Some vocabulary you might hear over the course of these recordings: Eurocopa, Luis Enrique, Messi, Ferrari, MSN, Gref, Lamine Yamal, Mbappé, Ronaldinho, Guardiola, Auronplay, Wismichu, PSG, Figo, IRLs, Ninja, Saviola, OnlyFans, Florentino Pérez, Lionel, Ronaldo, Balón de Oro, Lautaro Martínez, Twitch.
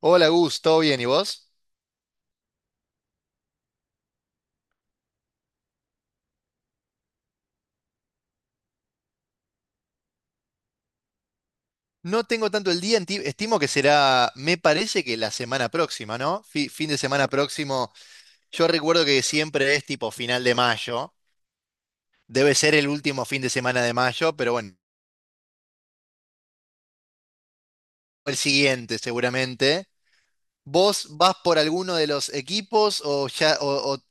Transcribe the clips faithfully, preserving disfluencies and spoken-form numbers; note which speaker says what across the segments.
Speaker 1: Hola Gus, ¿todo bien? ¿Y vos? No tengo tanto el día, enti- estimo que será, me parece que la semana próxima, ¿no? Fi- fin de semana próximo. Yo recuerdo que siempre es tipo final de mayo. Debe ser el último fin de semana de mayo, pero bueno, el siguiente seguramente. ¿Vos vas por alguno de los equipos o ya, o, o-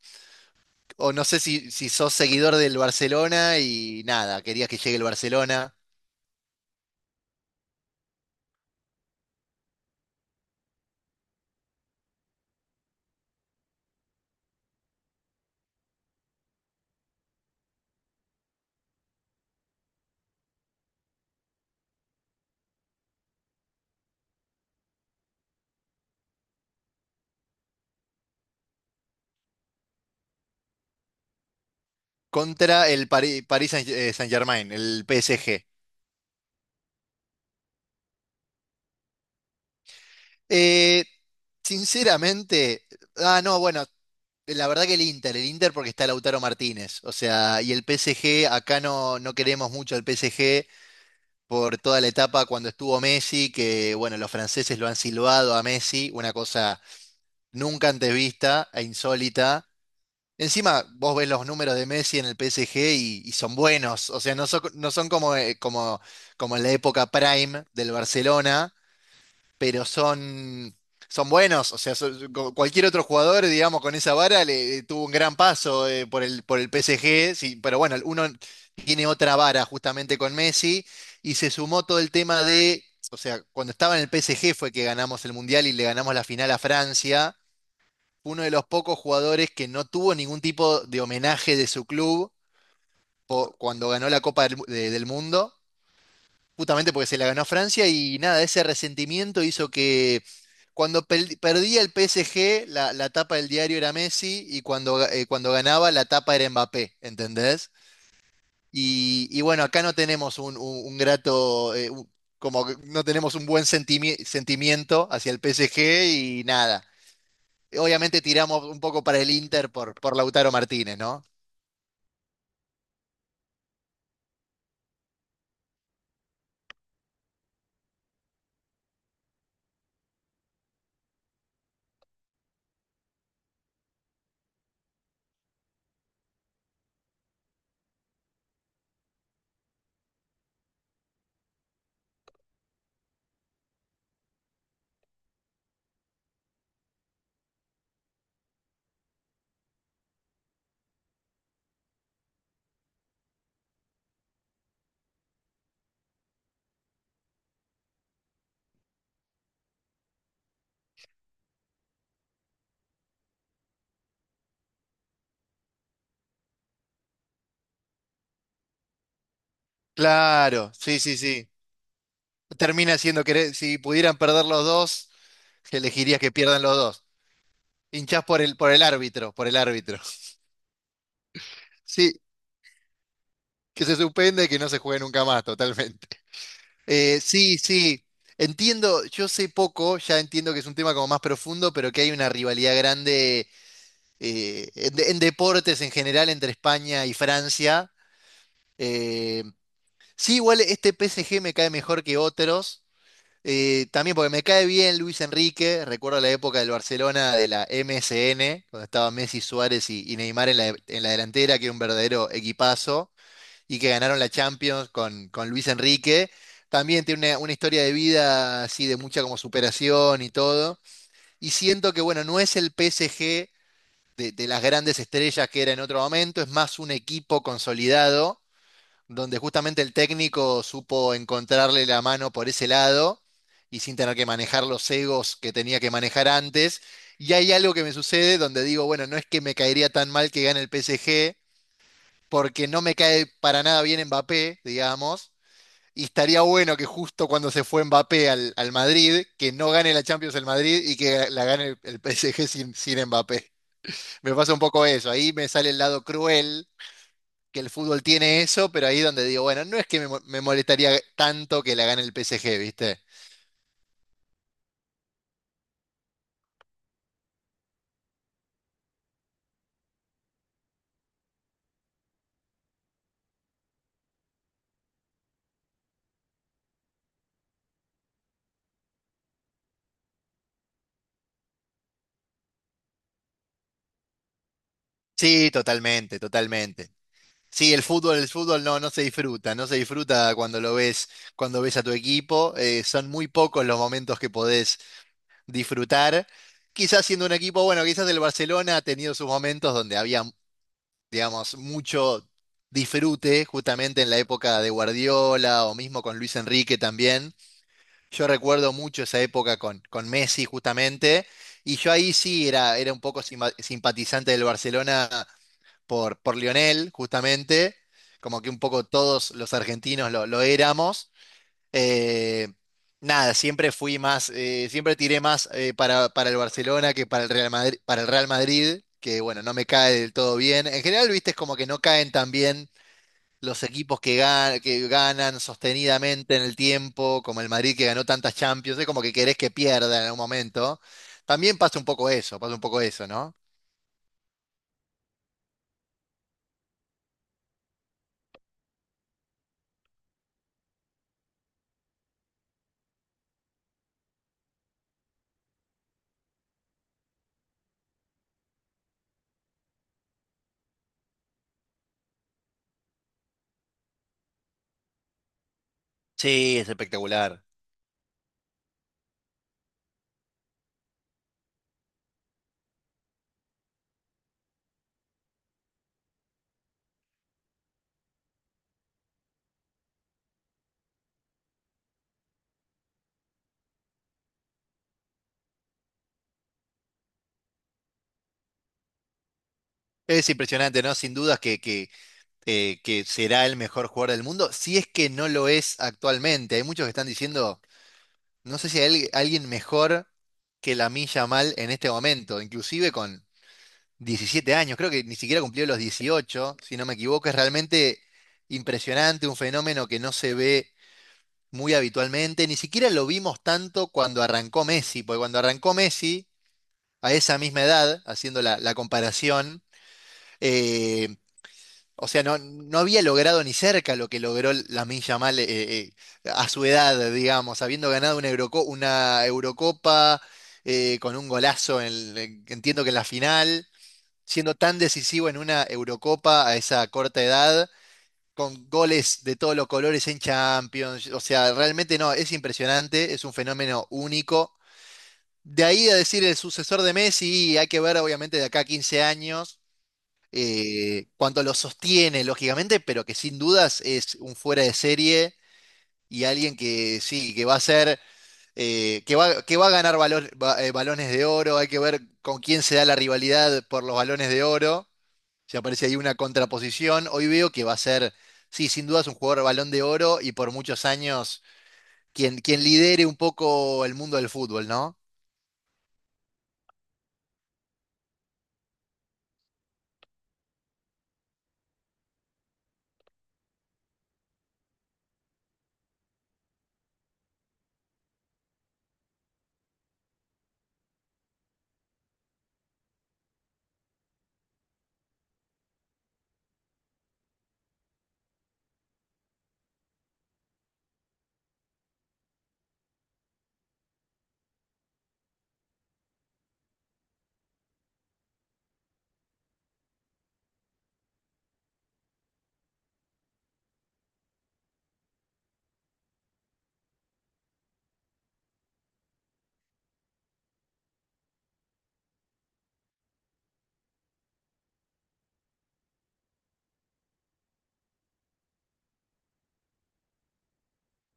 Speaker 1: o no sé si, si sos seguidor del Barcelona y nada, querías que llegue el Barcelona? Contra el Pari- Paris, Saint- eh, Saint-Germain, el P S G. Eh, Sinceramente, ah, no, bueno, la verdad que el Inter, el Inter porque está Lautaro Martínez. O sea, y el P S G, acá no, no queremos mucho al P S G por toda la etapa cuando estuvo Messi, que bueno, los franceses lo han silbado a Messi, una cosa nunca antes vista e insólita. Encima, vos ves los números de Messi en el P S G y, y son buenos. O sea, no son, no son como, eh, como, como en la época prime del Barcelona, pero son, son buenos. O sea, son- cu- cualquier otro jugador, digamos, con esa vara le, le tuvo un gran paso eh, por el, por el P S G. Sí, pero bueno, uno tiene otra vara justamente con Messi y se sumó todo el tema de. O sea, cuando estaba en el P S G fue que ganamos el Mundial y le ganamos la final a Francia. Uno de los pocos jugadores que no tuvo ningún tipo de homenaje de su club po- cuando ganó la Copa del, de- del Mundo, justamente porque se la ganó Francia. Y nada, ese resentimiento hizo que cuando pel- perdía el P S G, la, la tapa del diario era Messi y cuando, ga- eh, cuando ganaba, la tapa era Mbappé, ¿entendés? Y, y bueno, acá no tenemos un, un- un grato, eh, un- como que no tenemos un buen sentimi- sentimiento hacia el P S G y nada. Obviamente tiramos un poco para el Inter por, por Lautaro Martínez, ¿no? Claro, sí, sí, sí. Termina siendo que si pudieran perder los dos, elegirías que pierdan los dos. Hinchás por el, por el árbitro, por el árbitro. Sí, que se suspende y que no se juegue nunca más, totalmente. Eh, sí, sí. Entiendo, yo sé poco, ya entiendo que es un tema como más profundo, pero que hay una rivalidad grande eh, en, en, deportes en general entre España y Francia. Eh, Sí, igual este P S G me cae mejor que otros. Eh, también porque me cae bien Luis Enrique. Recuerdo la época del Barcelona de la M S N, cuando estaba Messi, Suárez y, y Neymar en la, en la delantera, que era un verdadero equipazo, y que ganaron la Champions con, con Luis Enrique. También tiene una, una historia de vida así de mucha como superación y todo. Y siento que, bueno, no es el P S G de de las grandes estrellas que era en otro momento, es más un equipo consolidado donde justamente el técnico supo encontrarle la mano por ese lado y sin tener que manejar los egos que tenía que manejar antes. Y hay algo que me sucede donde digo, bueno, no es que me caería tan mal que gane el P S G, porque no me cae para nada bien Mbappé, digamos, y estaría bueno que justo cuando se fue Mbappé al, al Madrid, que no gane la Champions el Madrid y que la gane el, el P S G sin, sin Mbappé. Me pasa un poco eso, ahí me sale el lado cruel que el fútbol tiene eso, pero ahí donde digo, bueno, no es que me, mo- me molestaría tanto que la gane el P S G, ¿viste? Sí, totalmente, totalmente. Sí, el fútbol, el fútbol no, no se disfruta, no se disfruta cuando lo ves, cuando ves a tu equipo. Eh, son muy pocos los momentos que podés disfrutar. Quizás siendo un equipo, bueno, quizás el Barcelona ha tenido sus momentos donde había, digamos, mucho disfrute, justamente en la época de Guardiola o mismo con Luis Enrique también. Yo recuerdo mucho esa época con, con Messi justamente, y yo ahí sí era, era un poco simpa- simpatizante del Barcelona por, por Lionel, justamente, como que un poco todos los argentinos lo, lo éramos. Eh, Nada, siempre fui más, eh, siempre tiré más eh, para, para el Barcelona que para el Real Madrid, para el Real Madrid, que bueno, no me cae del todo bien. En general, viste, es como que no caen tan bien los equipos que, gan- que ganan sostenidamente en el tiempo, como el Madrid que ganó tantas Champions, es como que querés que pierda en algún momento. También pasa un poco eso, pasa un poco eso, ¿no? Sí, es espectacular. Es impresionante, ¿no? Sin dudas que, que, eh, que será el mejor jugador del mundo, si es que no lo es actualmente. Hay muchos que están diciendo, no sé si hay al- alguien mejor que Lamine Yamal en este momento, inclusive con diecisiete años, creo que ni siquiera cumplió los dieciocho si no me equivoco, es realmente impresionante, un fenómeno que no se ve muy habitualmente, ni siquiera lo vimos tanto cuando arrancó Messi, porque cuando arrancó Messi, a esa misma edad, haciendo la, la comparación, eh, o sea, no, no había logrado ni cerca lo que logró Lamine Yamal, eh, eh, a su edad, digamos, habiendo ganado una, Euroco- una Eurocopa eh, con un golazo, en el- entiendo que en la final, siendo tan decisivo en una Eurocopa a esa corta edad, con goles de todos los colores en Champions. O sea, realmente no, es impresionante, es un fenómeno único. De ahí a decir el sucesor de Messi, hay que ver obviamente de acá a quince años eh, cuánto lo sostiene, lógicamente, pero que sin dudas es un fuera de serie y alguien que sí, que va a ser, eh, que va, que va a ganar balo- ba- eh, balones de oro. Hay que ver con quién se da la rivalidad por los balones de oro. Ya aparece ahí una contraposición. Hoy veo que va a ser, sí, sin duda es un jugador Balón de Oro y por muchos años quien, quien lidere un poco el mundo del fútbol, ¿no?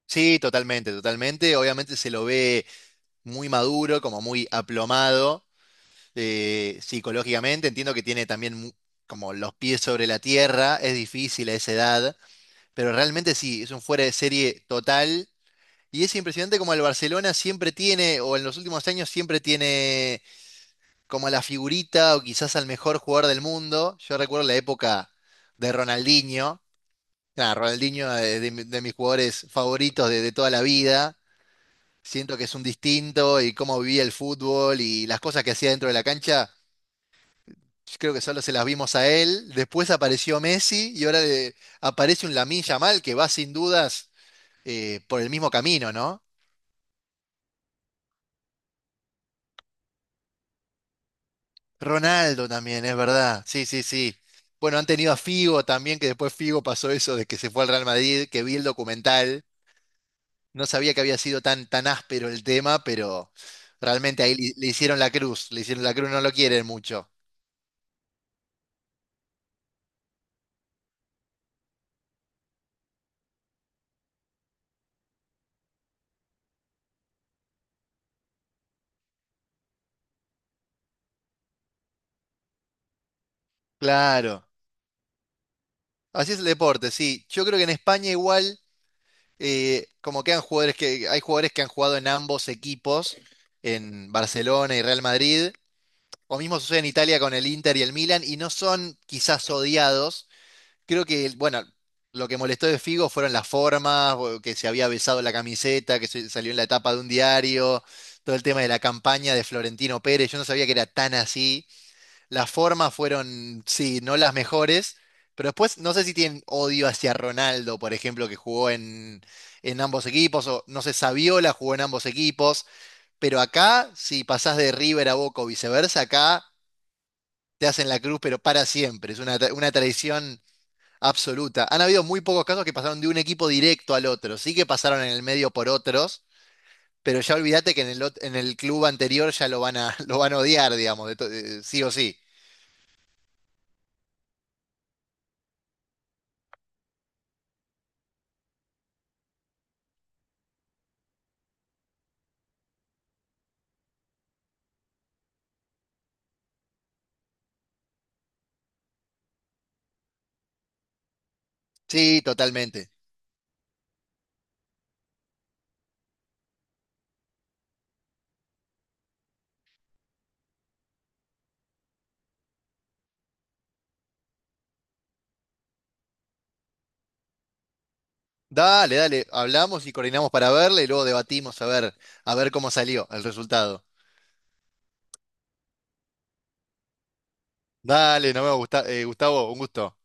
Speaker 1: Sí, totalmente, totalmente. Obviamente se lo ve muy maduro, como muy aplomado eh, psicológicamente. Entiendo que tiene también mu- como los pies sobre la tierra. Es difícil a esa edad, pero realmente sí, es un fuera de serie total. Y es impresionante como el Barcelona siempre tiene, o en los últimos años siempre tiene como a la figurita o quizás al mejor jugador del mundo. Yo recuerdo la época de Ronaldinho. Nada, Ronaldinho, eh, de, mi- de mis jugadores favoritos de, de toda la vida. Siento que es un distinto y cómo vivía el fútbol y las cosas que hacía dentro de la cancha. Yo creo que solo se las vimos a él. Después apareció Messi y ahora eh, aparece un Lamine Yamal que va sin dudas, eh, por el mismo camino, ¿no? Ronaldo también, es verdad. Sí, sí, sí. Bueno, han tenido a Figo también, que después Figo pasó eso de que se fue al Real Madrid, que vi el documental. No sabía que había sido tan, tan áspero el tema, pero realmente ahí le, le hicieron la cruz, le hicieron la cruz, no lo quieren mucho. Claro. Así es el deporte, sí. Yo creo que en España igual, eh, como que han jugadores que, hay jugadores que han jugado en ambos equipos, en Barcelona y Real Madrid. O mismo sucede en Italia con el Inter y el Milan, y no son quizás odiados. Creo que, bueno, lo que molestó de Figo fueron las formas, o que se había besado la camiseta, que se- salió en la tapa de un diario, todo el tema de la campaña de Florentino Pérez, yo no sabía que era tan así. Las formas fueron, sí, no las mejores, pero después no sé si tienen odio hacia Ronaldo, por ejemplo, que jugó en, en, ambos equipos, o no sé, Saviola jugó en ambos equipos, pero acá, si pasás de River a Boca o viceversa, acá te hacen la cruz, pero para siempre, es una, tra- una traición absoluta. Han habido muy pocos casos que pasaron de un equipo directo al otro. Sí que pasaron en el medio por otros, pero ya olvídate que en el, ot- en el club anterior ya lo van a, lo van a odiar, digamos, de to- eh, sí o sí. Sí, totalmente. Dale, dale, hablamos y coordinamos para verla y luego debatimos a ver, a ver cómo salió el resultado. Dale, no me gusta, eh, Gustavo, un gusto.